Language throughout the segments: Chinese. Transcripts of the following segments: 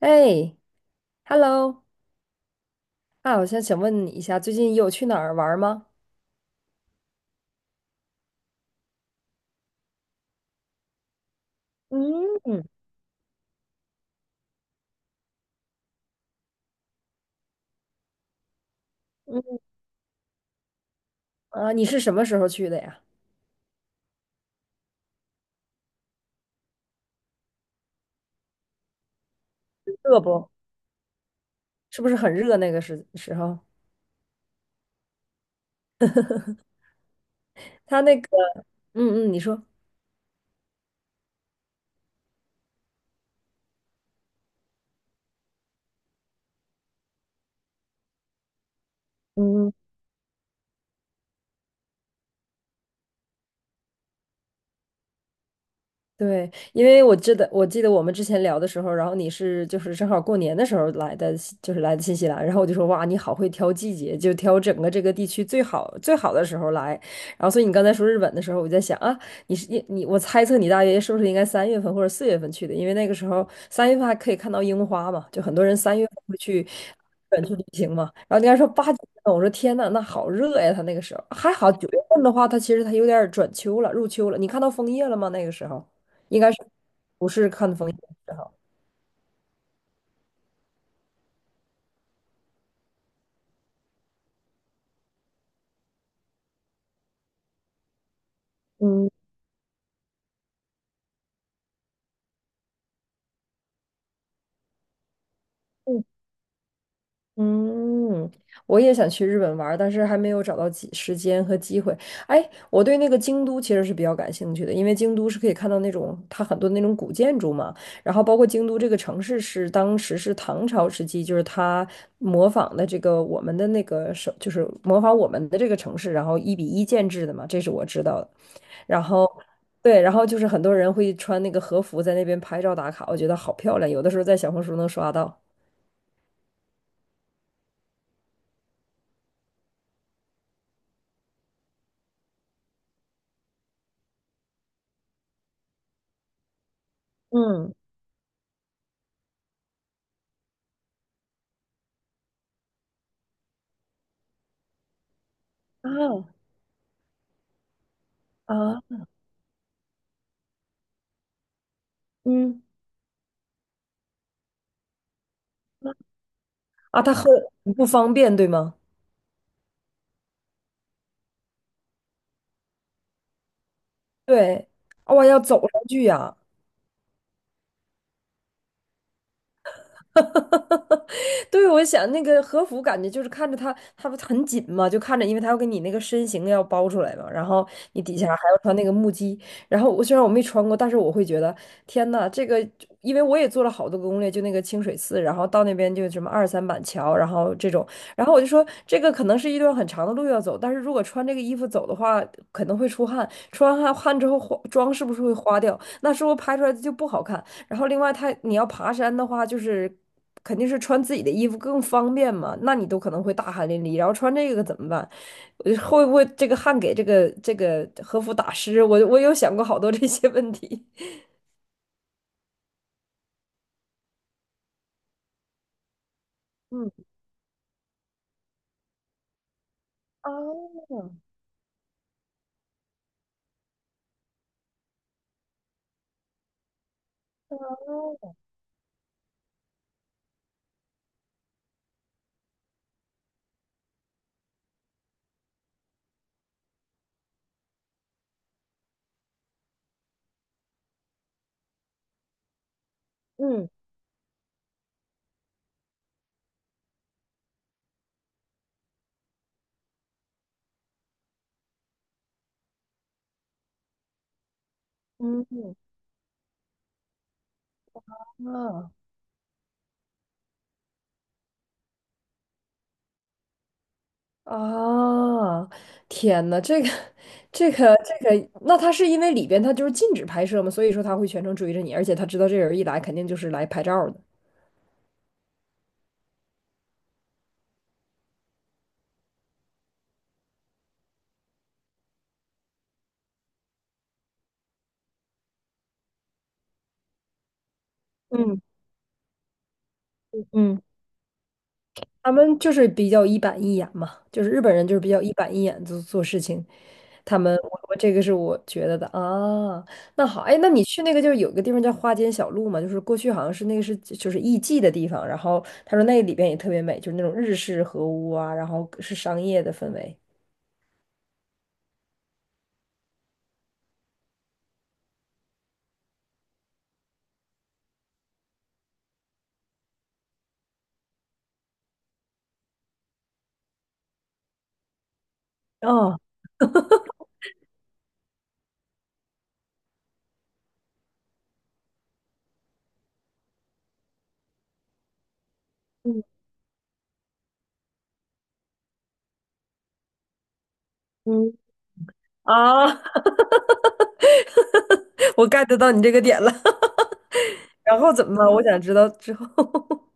哎，Hello，啊，我想问你一下，最近有去哪儿玩儿吗？嗯嗯。啊，你是什么时候去的呀？热不？是不是很热那个时候？他那个，嗯嗯，你说。嗯嗯。对，因为我记得我们之前聊的时候，然后你是就是正好过年的时候来的新西兰，然后我就说哇，你好会挑季节，就挑整个这个地区最好最好的时候来。然后所以你刚才说日本的时候，我在想啊，你是你你我猜测你大约是不是应该三月份或者4月份去的，因为那个时候三月份还可以看到樱花嘛，就很多人三月份会去日本去旅行嘛。然后你还说8、9月份，我说天呐，那好热呀，他那个时候还好九月份的话，他其实有点儿转秋了，入秋了。你看到枫叶了吗？那个时候？应该是不是看风景的时候。嗯嗯嗯。我也想去日本玩儿但是还没有找到时间和机会。哎，我对那个京都其实是比较感兴趣的，因为京都是可以看到那种它很多那种古建筑嘛，然后包括京都这个城市是当时是唐朝时期，就是它模仿的这个我们的那个就是模仿我们的这个城市，然后1比1建制的嘛，这是我知道的。然后，对，然后就是很多人会穿那个和服在那边拍照打卡，我觉得好漂亮，有的时候在小红书能刷到。嗯。啊。啊。嗯。啊，它很不方便，对吗？对。哇，要走上去呀。对，我想那个和服感觉就是看着它，它不很紧嘛，就看着，因为它要给你那个身形要包出来嘛，然后你底下还要穿那个木屐，然后虽然我没穿过，但是我会觉得天呐，这个，因为我也做了好多个攻略，就那个清水寺，然后到那边就什么二三板桥，然后这种，然后我就说这个可能是一段很长的路要走，但是如果穿这个衣服走的话，可能会出汗，出完汗之后花妆是不是会花掉？那是不是拍出来就不好看？然后另外你要爬山的话，就是肯定是穿自己的衣服更方便嘛，那你都可能会大汗淋漓，然后穿这个怎么办？会不会这个汗给这个和服打湿？我有想过好多这些问题。嗯。啊。嗯嗯。啊。啊，天呐，那他是因为里边他就是禁止拍摄嘛，所以说他会全程追着你，而且他知道这人一来肯定就是来拍照的。嗯嗯。他们就是比较一板一眼嘛，就是日本人就是比较一板一眼做事情。他们，我这个是我觉得的啊。那好，哎，那你去那个就是有个地方叫花间小路嘛，就是过去好像是那个是就是艺妓的地方，然后他说那里边也特别美，就是那种日式和屋啊，然后是商业的氛围。哦。嗯嗯。啊。我 get 到你这个点了。然后怎么了？我想知道之后。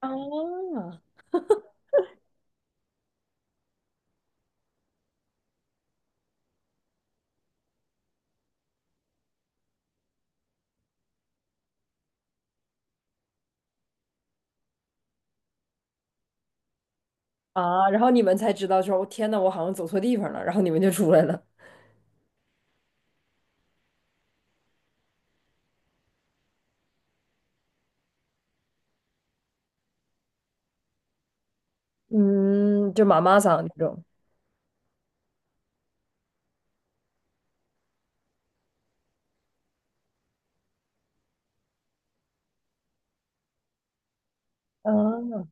啊。啊！然后你们才知道说，我天呐，我好像走错地方了，然后你们就出来了。嗯，就妈妈桑那种。啊。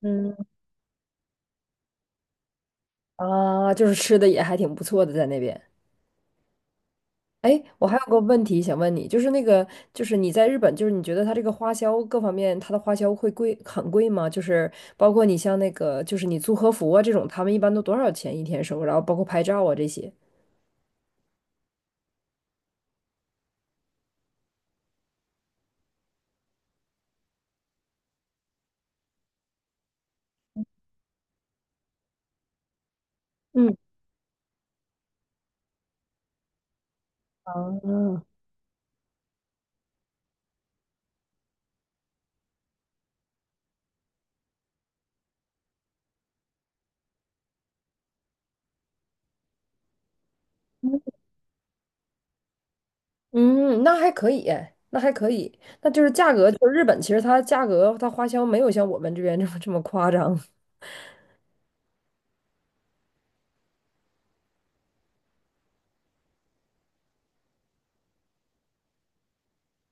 嗯。啊，就是吃的也还挺不错的，在那边。哎，我还有个问题想问你，就是那个，就是你在日本，就是你觉得它这个花销各方面，它的花销会贵很贵吗？就是包括你像那个，就是你租和服啊这种，他们一般都多少钱1天收？然后包括拍照啊这些。嗯。啊。嗯，那还可以，哎，那还可以，那就是价格，就是日本其实它价格它花销没有像我们这边这么这么夸张。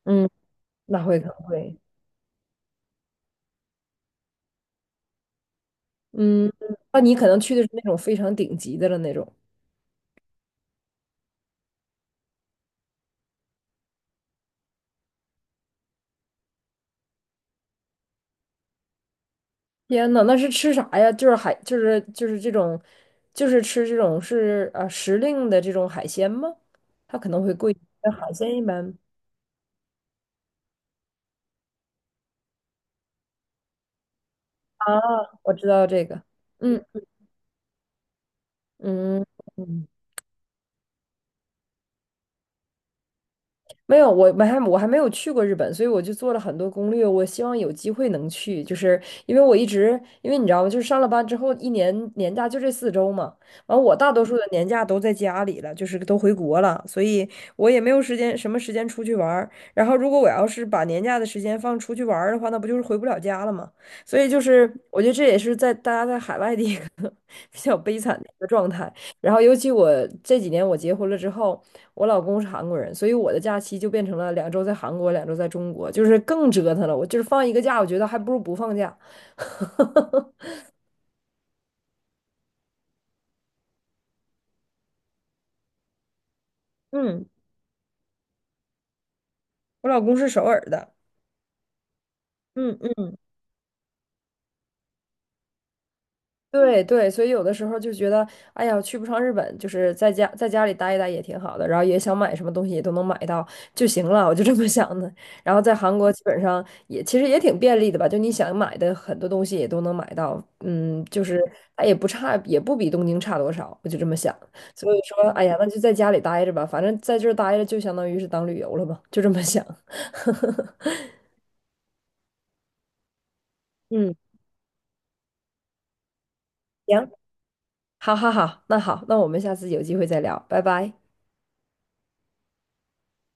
嗯，那会很贵。嗯，那你可能去的是那种非常顶级的了那种。天呐，那是吃啥呀？就是海，就是这种，就是吃这种是啊时令的这种海鲜吗？它可能会贵，但海鲜一般。啊，我知道这个。嗯嗯嗯。没有，我还没有去过日本，所以我就做了很多攻略。我希望有机会能去，就是因为我一直，因为你知道吗？就是上了班之后，1年年假就这4周嘛。完，我大多数的年假都在家里了，就是都回国了，所以我也没有时间，什么时间出去玩儿。然后，如果我要是把年假的时间放出去玩儿的话，那不就是回不了家了吗？所以，就是我觉得这也是在大家在海外的一个 比较悲惨的一个状态。然后，尤其我这几年我结婚了之后，我老公是韩国人，所以我的假期就变成了两周在韩国，两周在中国，就是更折腾了。我就是放一个假，我觉得还不如不放假。嗯，我老公是首尔的。嗯嗯。对对，所以有的时候就觉得，哎呀，去不上日本，就是在家里待一待也挺好的，然后也想买什么东西也都能买到就行了，我就这么想的。然后在韩国基本上也其实也挺便利的吧，就你想买的很多东西也都能买到，嗯，就是它也不差，也不比东京差多少，我就这么想。所以说，哎呀，那就在家里待着吧，反正在这儿待着就相当于是当旅游了吧，就这么想。嗯，行，好好好，那好，那我们下次有机会再聊，拜拜。